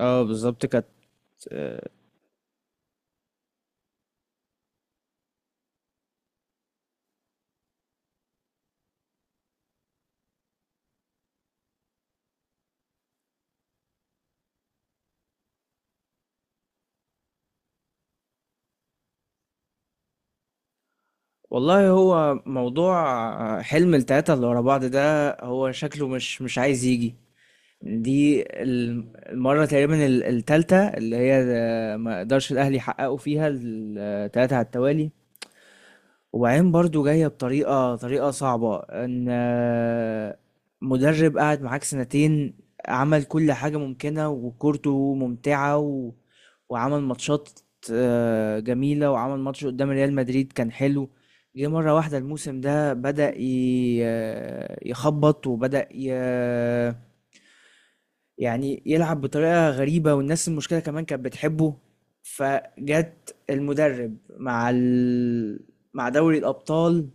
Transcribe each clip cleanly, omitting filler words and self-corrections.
اه، بالظبط كانت. آه، والله، هو موضوع حلم التلاتة اللي ورا بعض ده، هو شكله مش عايز يجي. دي المرة تقريبا التالتة اللي هي ما قدرش الأهلي يحققوا فيها التلاتة على التوالي. وبعدين برضو جاية بطريقة صعبة، ان مدرب قعد معاك سنتين، عمل كل حاجة ممكنة وكورته ممتعة وعمل ماتشات جميلة، وعمل ماتش قدام ريال مدريد كان حلو. جه مرة واحدة الموسم ده بدأ ي... آه، يخبط، وبدأ يعني يلعب بطريقة غريبة، والناس المشكلة كمان كانت بتحبه. فجت المدرب مع دوري الأبطال،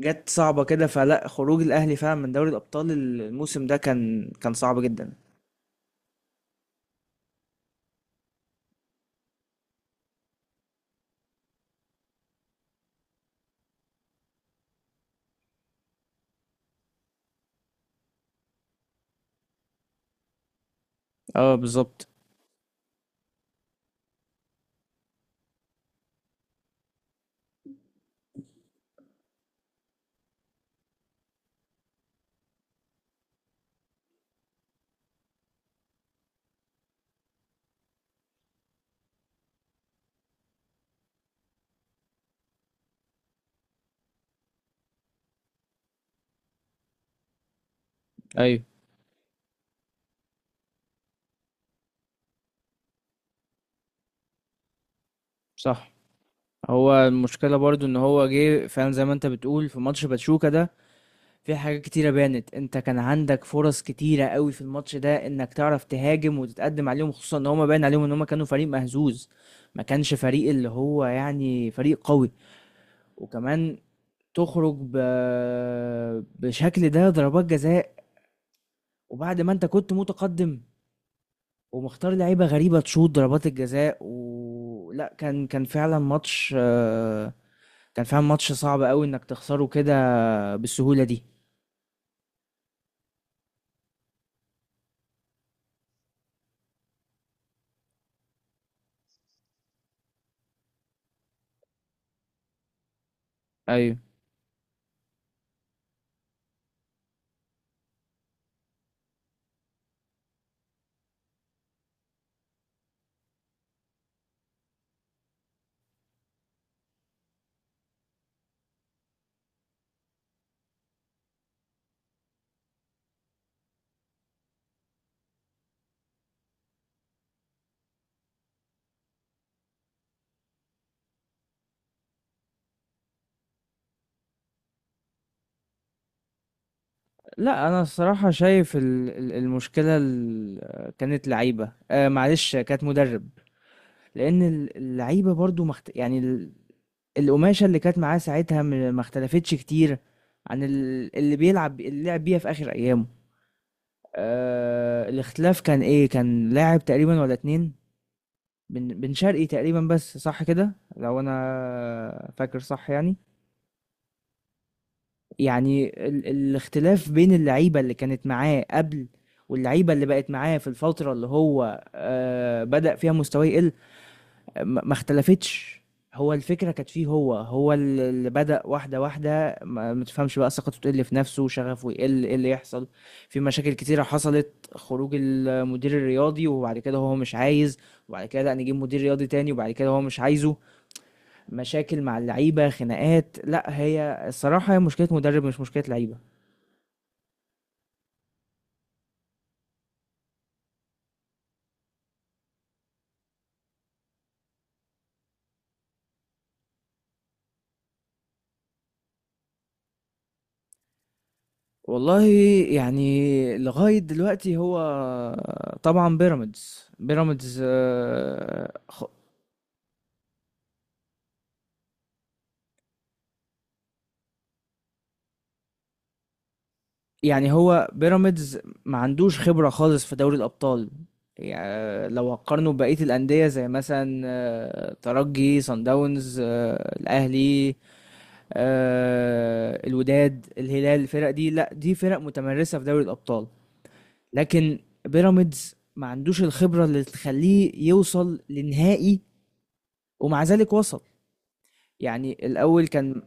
جت صعبة كده. فلا خروج الأهلي فعلا من دوري الأبطال الموسم ده كان صعب جدا. اه، بالظبط. ايوه. صح. هو المشكله برضو ان هو جه فعلا زي ما انت بتقول في ماتش باتشوكا ده. في حاجات كتيره بانت، انت كان عندك فرص كتيره قوي في الماتش ده، انك تعرف تهاجم وتتقدم عليهم، خصوصا ان هما باين عليهم ان هما كانوا فريق مهزوز. ما كانش فريق اللي هو يعني فريق قوي، وكمان تخرج بشكل ده ضربات جزاء، وبعد ما انت كنت متقدم ومختار لعيبة غريبة تشوط ضربات الجزاء. ولا كان فعلا ماتش صعب قوي انك تخسره كده بالسهولة دي. ايوه. لا، انا الصراحة شايف المشكلة كانت لعيبة، معلش، كانت مدرب. لان اللعيبة برضو يعني القماشة اللي كانت معاه ساعتها ما اختلفتش كتير عن اللي لعب بيها في اخر ايامه. الاختلاف كان ايه؟ كان لاعب تقريبا ولا اتنين، بن شرقي تقريبا، بس صح كده لو انا فاكر، صح يعني. يعني الاختلاف بين اللعيبه اللي كانت معاه قبل، واللعيبه اللي بقت معاه في الفتره اللي هو بدأ فيها مستواه يقل، ما اختلفتش. هو الفكره كانت فيه، هو اللي بدأ واحده واحده ما تفهمش بقى ثقته تقل في نفسه، شغفه يقل، ايه اللي يحصل. في مشاكل كتيره حصلت، خروج المدير الرياضي وبعد كده هو مش عايز، وبعد كده لا نجيب مدير رياضي تاني وبعد كده هو مش عايزه، مشاكل مع اللعيبه، خناقات. لا، هي الصراحه هي مشكله مدرب مش مشكله لعيبه. والله، يعني لغايه دلوقتي هو طبعا بيراميدز، يعني هو بيراميدز ما عندوش خبره خالص في دوري الابطال. يعني لو هقارنه ببقيه الانديه زي مثلا ترجي، صن داونز، الاهلي، الوداد، الهلال، الفرق دي، لا، دي فرق متمرسه في دوري الابطال. لكن بيراميدز ما عندوش الخبرة اللي تخليه يوصل لنهائي، ومع ذلك وصل. يعني الأول كان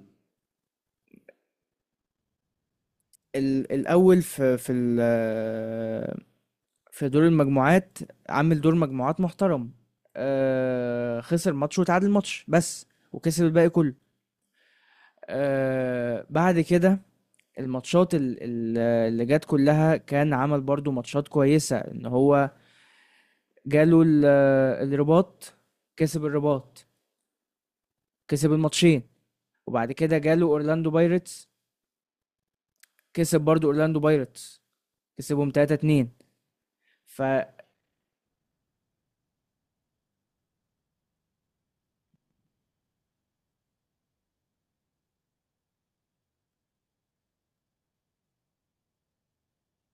الأول في دور المجموعات، عامل دور مجموعات محترم. خسر ماتش وتعادل ماتش بس، وكسب الباقي كله. بعد كده الماتشات اللي جت كلها، كان عمل برضو ماتشات كويسة. ان هو جاله الرباط، كسب الرباط، كسب الماتشين، وبعد كده جاله اورلاندو بايرتس، كسب برضو اورلاندو بايرتس، كسبهم 3-2. ف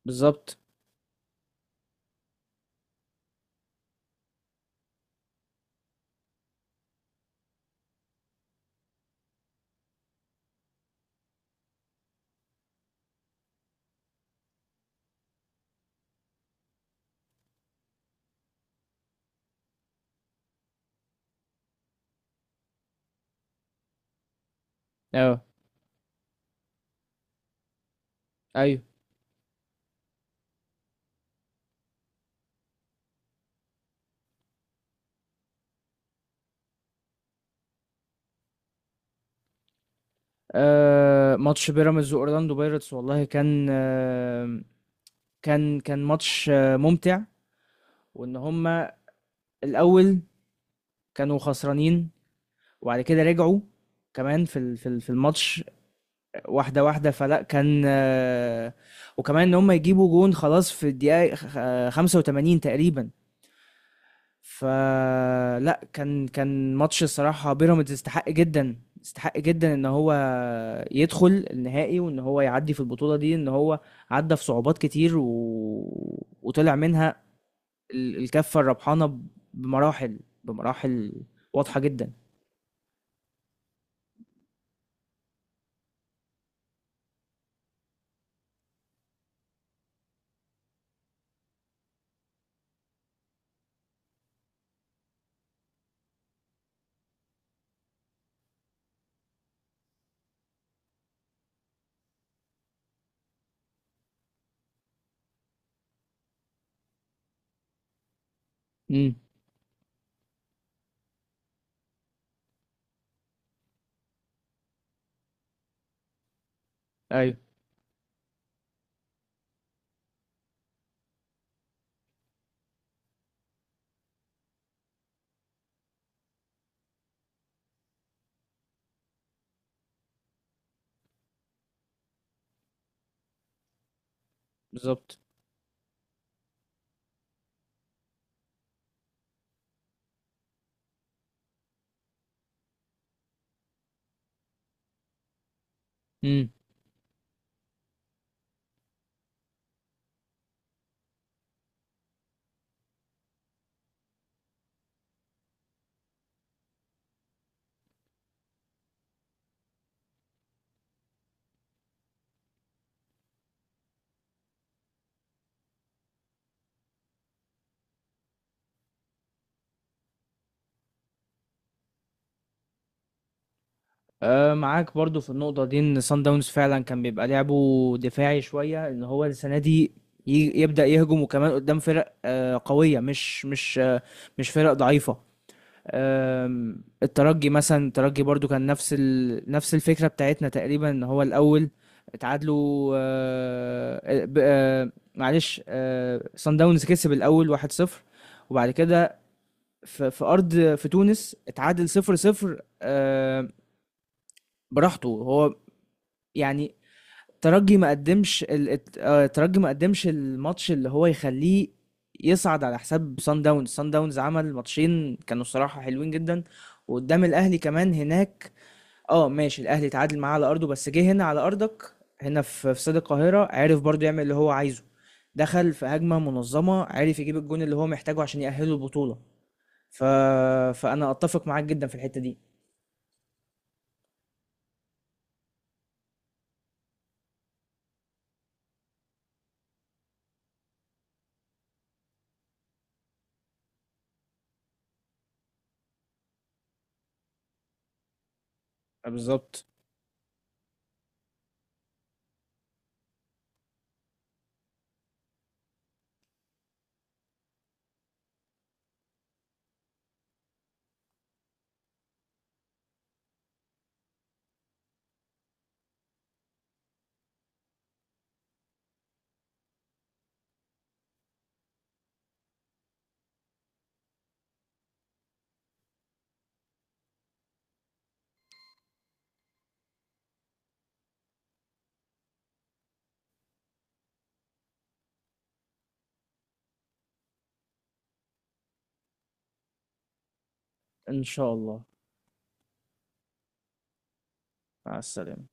بالظبط. اه. ايوه. آه ماتش بيراميدز واورلاندو بايرتس، والله كان ماتش ممتع، وان هما الاول كانوا خسرانين، وبعد كده رجعوا كمان في الماتش واحده واحده. فلا كان آه وكمان ان هما يجيبوا جون خلاص في الدقيقه 85 تقريبا. فلا كان ماتش. الصراحة بيراميدز استحق جدا، استحق جدا ان هو يدخل النهائي وان هو يعدي في البطولة دي، ان هو عدى في صعوبات كتير وطلع منها الكفة الربحانة بمراحل، بمراحل واضحة جدا. امم. ايوه. بالظبط. معاك برضو في النقطة دي ان سان داونز فعلا كان بيبقى لعبه دفاعي شوية، ان هو السنة دي يبدأ يهجم، وكمان قدام فرق قوية، مش فرق ضعيفة. الترجي مثلا، الترجي برضو كان نفس نفس الفكرة بتاعتنا تقريبا، ان هو الأول اتعادلوا أه آه، ب- أه معلش سان داونز كسب الأول 1-0. وبعد كده في أرض في تونس اتعادل 0-0. براحته هو، يعني ترجي ما قدمش الماتش اللي هو يخليه يصعد على حساب سان داونز. سان داونز عمل ماتشين كانوا صراحة حلوين جدا، وقدام الاهلي كمان هناك. اه، ماشي، الاهلي اتعادل معاه على ارضه، بس جه هنا على ارضك، هنا في استاد القاهرة عرف برضو يعمل اللي هو عايزه، دخل في هجمة منظمة، عرف يجيب الجون اللي هو محتاجه عشان يأهله البطولة. ف... فأنا أتفق معاك جدا في الحتة دي. بالظبط. إن شاء الله. مع السلامة.